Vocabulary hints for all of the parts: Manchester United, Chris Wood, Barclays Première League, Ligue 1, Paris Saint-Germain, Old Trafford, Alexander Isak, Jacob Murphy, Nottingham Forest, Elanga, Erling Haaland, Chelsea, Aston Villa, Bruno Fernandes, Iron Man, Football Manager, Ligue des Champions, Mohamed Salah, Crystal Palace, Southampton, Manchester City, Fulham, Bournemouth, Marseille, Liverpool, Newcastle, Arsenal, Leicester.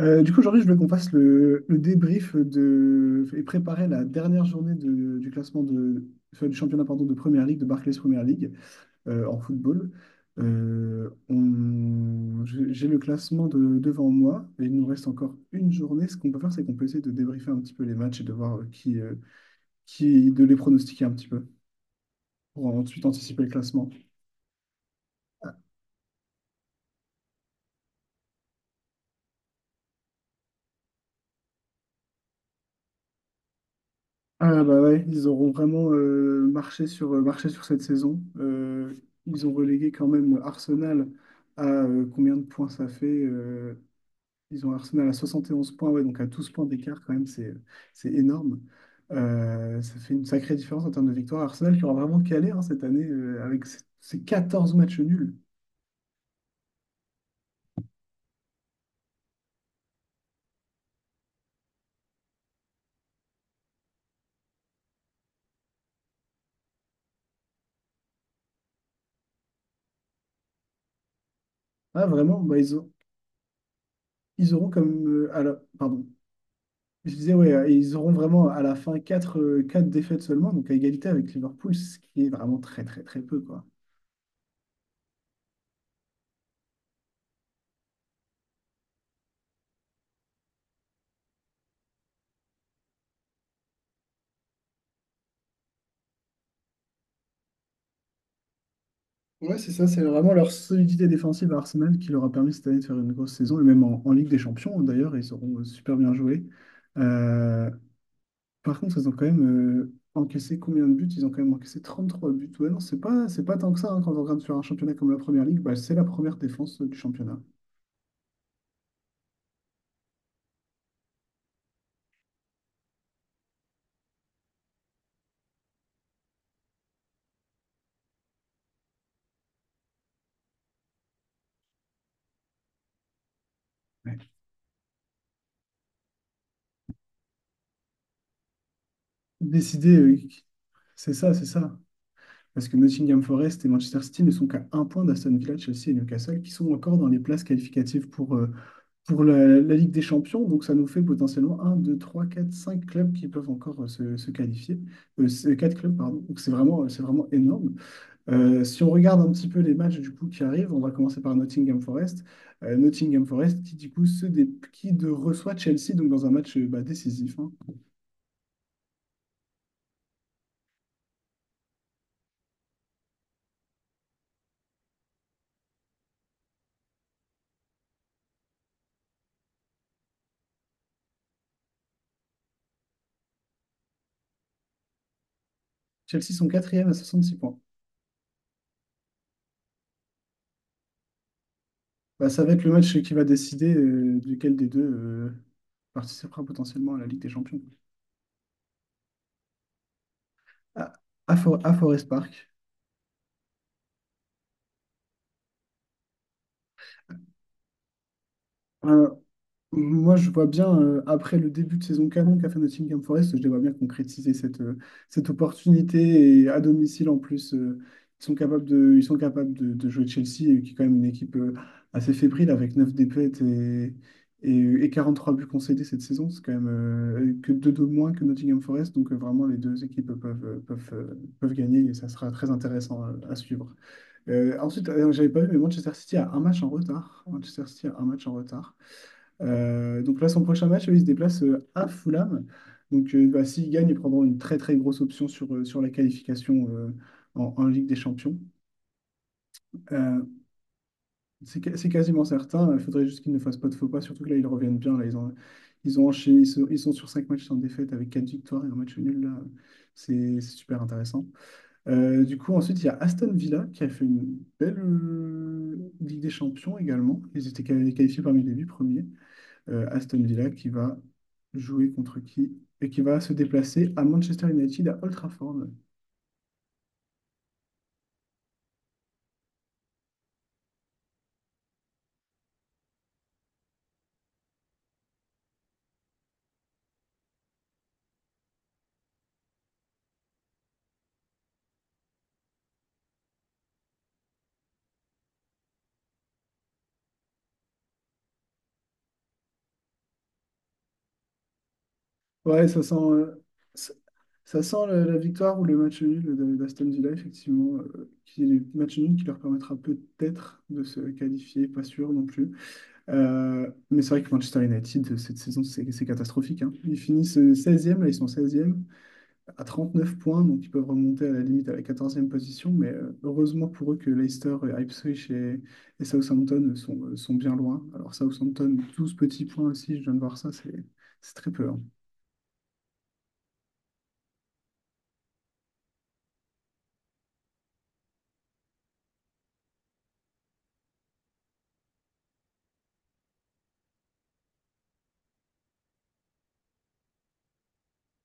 Aujourd'hui, je veux qu'on fasse le débrief de, et préparer la dernière journée du classement de, du championnat pardon, de Première Ligue, de Barclays Première League en football. J'ai le classement devant moi et il nous reste encore une journée. Ce qu'on peut faire, c'est qu'on peut essayer de débriefer un petit peu les matchs et de voir qui de les pronostiquer un petit peu pour ensuite anticiper le classement. Ah bah ouais, ils auront vraiment marché sur, marché sur cette saison. Ils ont relégué quand même Arsenal à combien de points ça fait? Ils ont Arsenal à 71 points, ouais, donc à 12 points d'écart quand même, c'est énorme. Ça fait une sacrée différence en termes de victoire. Arsenal qui aura vraiment calé hein, cette année avec ses 14 matchs nuls. Ah vraiment, ils auront pardon. Je disais, et ils auront vraiment à la fin 4 défaites seulement, donc à égalité avec Liverpool, ce qui est vraiment très très très peu, quoi. Ouais, c'est vraiment leur solidité défensive à Arsenal qui leur a permis cette année de faire une grosse saison, et même en Ligue des Champions d'ailleurs, ils auront super bien joué. Euh, Par contre, ils ont quand même encaissé combien de buts? Ils ont quand même encaissé 33 buts. Ouais, non, c'est pas tant que ça, hein, quand on regarde sur un championnat comme la Première Ligue, bah, c'est la première défense du championnat. Ouais. Décider, c'est ça, c'est ça. Parce que Nottingham Forest et Manchester City ne sont qu'à un point d'Aston Villa, Chelsea et Newcastle, qui sont encore dans les places qualificatives pour la Ligue des Champions. Donc ça nous fait potentiellement un, 2, 3, 4, 5 clubs qui peuvent encore se qualifier. Quatre clubs, pardon. Donc c'est vraiment énorme. Si on regarde un petit peu les matchs du coup qui arrivent, on va commencer par Nottingham Forest. Nottingham Forest qui du coup qui de reçoit Chelsea donc dans un match décisif. Hein. Chelsea sont quatrième à 66 points. Bah, ça va être le match qui va décider duquel des deux participera potentiellement à la Ligue des Champions. À, à Forest Park. Un, Moi, je vois bien, après le début de saison canon qu'a fait Nottingham Forest, je les vois bien concrétiser cette opportunité. Et à domicile, en plus, ils sont capables de jouer Chelsea, qui est quand même une équipe assez fébrile, avec 9 défaites et, et 43 buts concédés cette saison. C'est quand même que 2 de moins que Nottingham Forest. Donc, vraiment, les deux équipes peuvent gagner et ça sera très intéressant à suivre. Ensuite, j'avais pas vu, mais Manchester City a un match en retard. Donc là, son prochain match, il se déplace à Fulham. Donc bah, s'il gagne, ils prendront une très très grosse option sur la qualification en Ligue des Champions. Euh, c'est quasiment certain. Il faudrait juste qu'ils ne fassent pas de faux pas, surtout que là, ils reviennent bien. Là, ils ont enchaîné, ils sont sur 5 matchs sans défaite avec 4 victoires et un match nul. Là, c'est super intéressant. Ensuite, il y a Aston Villa qui a fait une belle Ligue des Champions également. Ils étaient qualifiés parmi les 8 premiers Aston Villa qui va jouer contre qui et qui va se déplacer à Manchester United à Old Trafford. Ouais, ça, ça sent la victoire ou le match nul d'Aston Villa, effectivement, qui est le match nul qui leur permettra peut-être de se qualifier, pas sûr non plus. Mais c'est vrai que Manchester United, cette saison, c'est catastrophique. Hein. Ils finissent seizième, là, ils sont seizième à 39 points, donc ils peuvent remonter à la limite à la 14e position, mais heureusement pour eux que Leicester, et Ipswich et Southampton sont bien loin. Alors Southampton, 12 petits points aussi, je viens de voir ça, c'est très peu. Hein.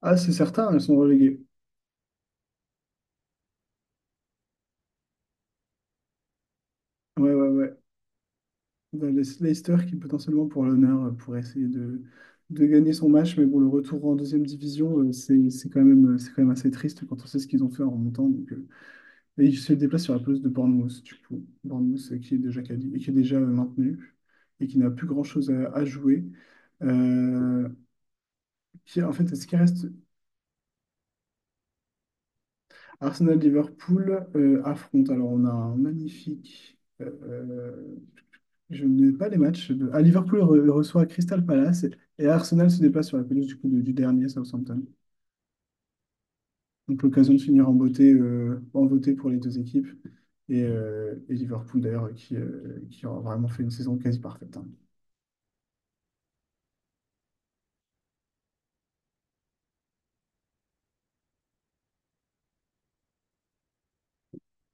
Ah, c'est certain, elles sont reléguées. Ouais, ouais, ouais. Leicester qui potentiellement pour l'honneur pourrait essayer de gagner son match, mais bon, le retour en deuxième division, c'est quand même assez triste quand on sait ce qu'ils ont fait en remontant. Donc, et il se déplace sur la pelouse de Bournemouth, du coup. Bournemouth qui est déjà et qui est déjà maintenu et qui n'a plus grand-chose à jouer. Euh, qui, en fait, ce qui reste, Arsenal-Liverpool affronte. Alors, on a un magnifique. Je n'ai pas les matchs. De... Ah, Liverpool reçoit Crystal Palace et Arsenal se déplace sur la pelouse du dernier Southampton. Donc, l'occasion de finir en beauté pour les deux équipes. Et Liverpool, d'ailleurs, qui a vraiment fait une saison quasi parfaite. Hein.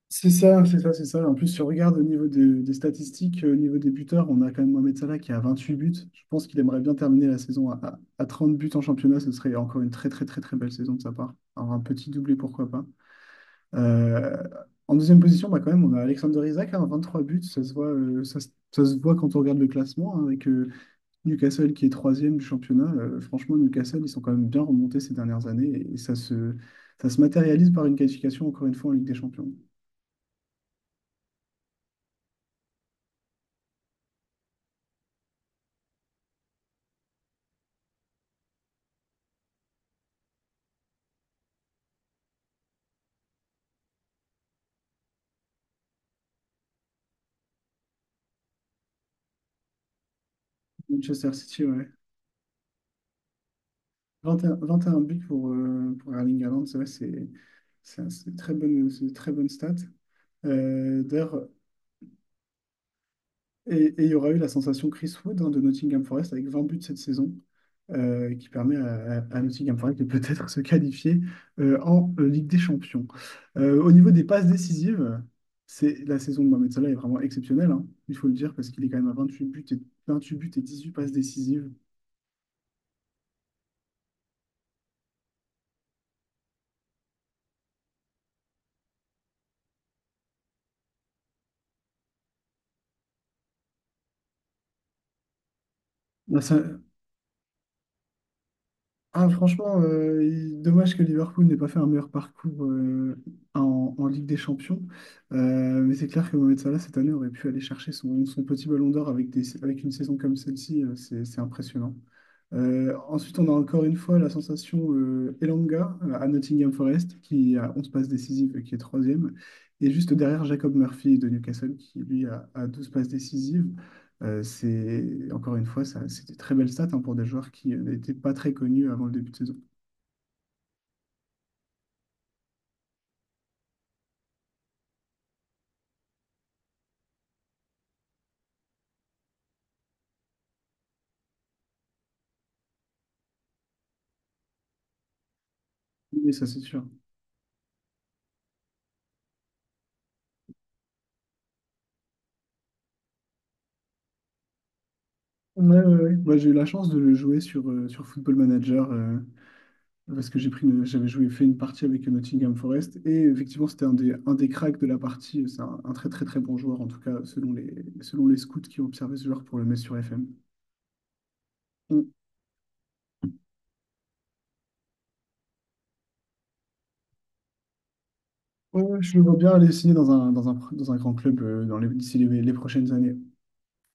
C'est ça, c'est ça, c'est ça. En plus, si on regarde au niveau des statistiques, au niveau des buteurs, on a quand même Mohamed Salah qui a 28 buts. Je pense qu'il aimerait bien terminer la saison à 30 buts en championnat. Ce serait encore une très, très, très, très belle saison de sa part. Alors, un petit doublé, pourquoi pas. Euh, En deuxième position, bah, quand même, on a Alexander Isak, hein, trois buts. Ça se voit, ça se voit quand on regarde le classement, hein, avec Newcastle qui est troisième du championnat. Franchement, Newcastle, ils sont quand même bien remontés ces dernières années et ça se matérialise par une qualification, encore une fois, en Ligue des Champions. Manchester City, ouais. 21 buts pour Erling Haaland, c'est vrai, c'est une très bonne stat. Euh, d'ailleurs, et il y aura eu la sensation Chris Wood hein, de Nottingham Forest avec 20 buts cette saison, qui permet à Nottingham Forest de peut-être se qualifier en Ligue des Champions. Au niveau des passes décisives, c'est la saison de Mohamed Salah est vraiment exceptionnelle, hein, il faut le dire, parce qu'il est quand même à 28 buts et 18 passes décisives. Là, ça- Ah, franchement, dommage que Liverpool n'ait pas fait un meilleur parcours en Ligue des Champions. Mais c'est clair que Mohamed Salah, cette année, aurait pu aller chercher son petit ballon d'or avec avec une saison comme celle-ci. C'est impressionnant. Ensuite, on a encore une fois la sensation Elanga à Nottingham Forest, qui a 11 passes décisives et qui est troisième. Et juste derrière, Jacob Murphy de Newcastle, qui a 12 passes décisives. Encore une fois, ça, c'était très belle stat hein, pour des joueurs qui n'étaient pas très connus avant le début de saison. Mais ça, c'est sûr. Ouais, ouais, ouais. Moi, j'ai eu la chance de le jouer sur Football Manager parce que j'avais joué, fait une partie avec Nottingham Forest et effectivement, c'était un des cracks de la partie. C'est un très, très, très bon joueur, en tout cas, selon les scouts qui ont observé ce joueur pour le mettre sur FM. Mm. Ouais, ouais, je le vois bien aller signer dans un grand club d'ici les prochaines années.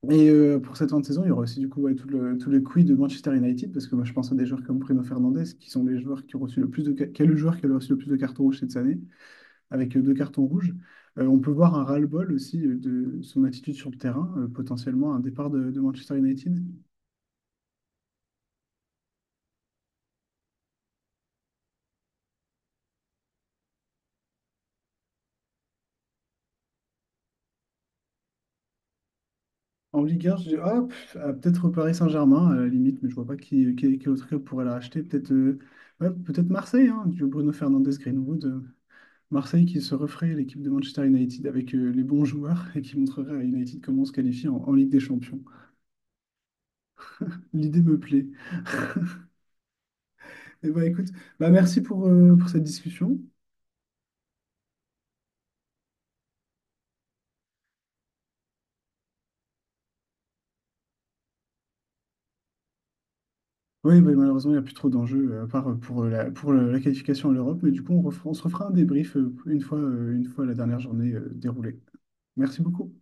Pour cette fin de saison, il y aura aussi du coup ouais, tout le quiz de Manchester United, parce que moi je pense à des joueurs comme Bruno Fernandes, qui sont les joueurs qui ont reçu le plus de, ca- qui est le joueur qui a reçu le plus de cartons rouges cette année, avec deux cartons rouges. On peut voir un ras-le-bol aussi de son attitude sur le terrain, potentiellement un départ de Manchester United. En Ligue 1, je dis, ah, pff, ah, peut-être au Paris Saint-Germain, à la limite, mais je vois pas quel autre club pourrait la racheter. Peut-être ouais, peut-être Marseille, hein, du Bruno Fernandes Greenwood. Marseille qui se referait l'équipe de Manchester United avec les bons joueurs et qui montrerait à United comment se qualifier en Ligue des Champions. L'idée me plaît. Et bah écoute, bah merci pour cette discussion. Oui, bah, malheureusement, il n'y a plus trop d'enjeux à part pour la qualification à l'Europe, mais du coup, on se refera un débrief une fois la dernière journée déroulée. Merci beaucoup.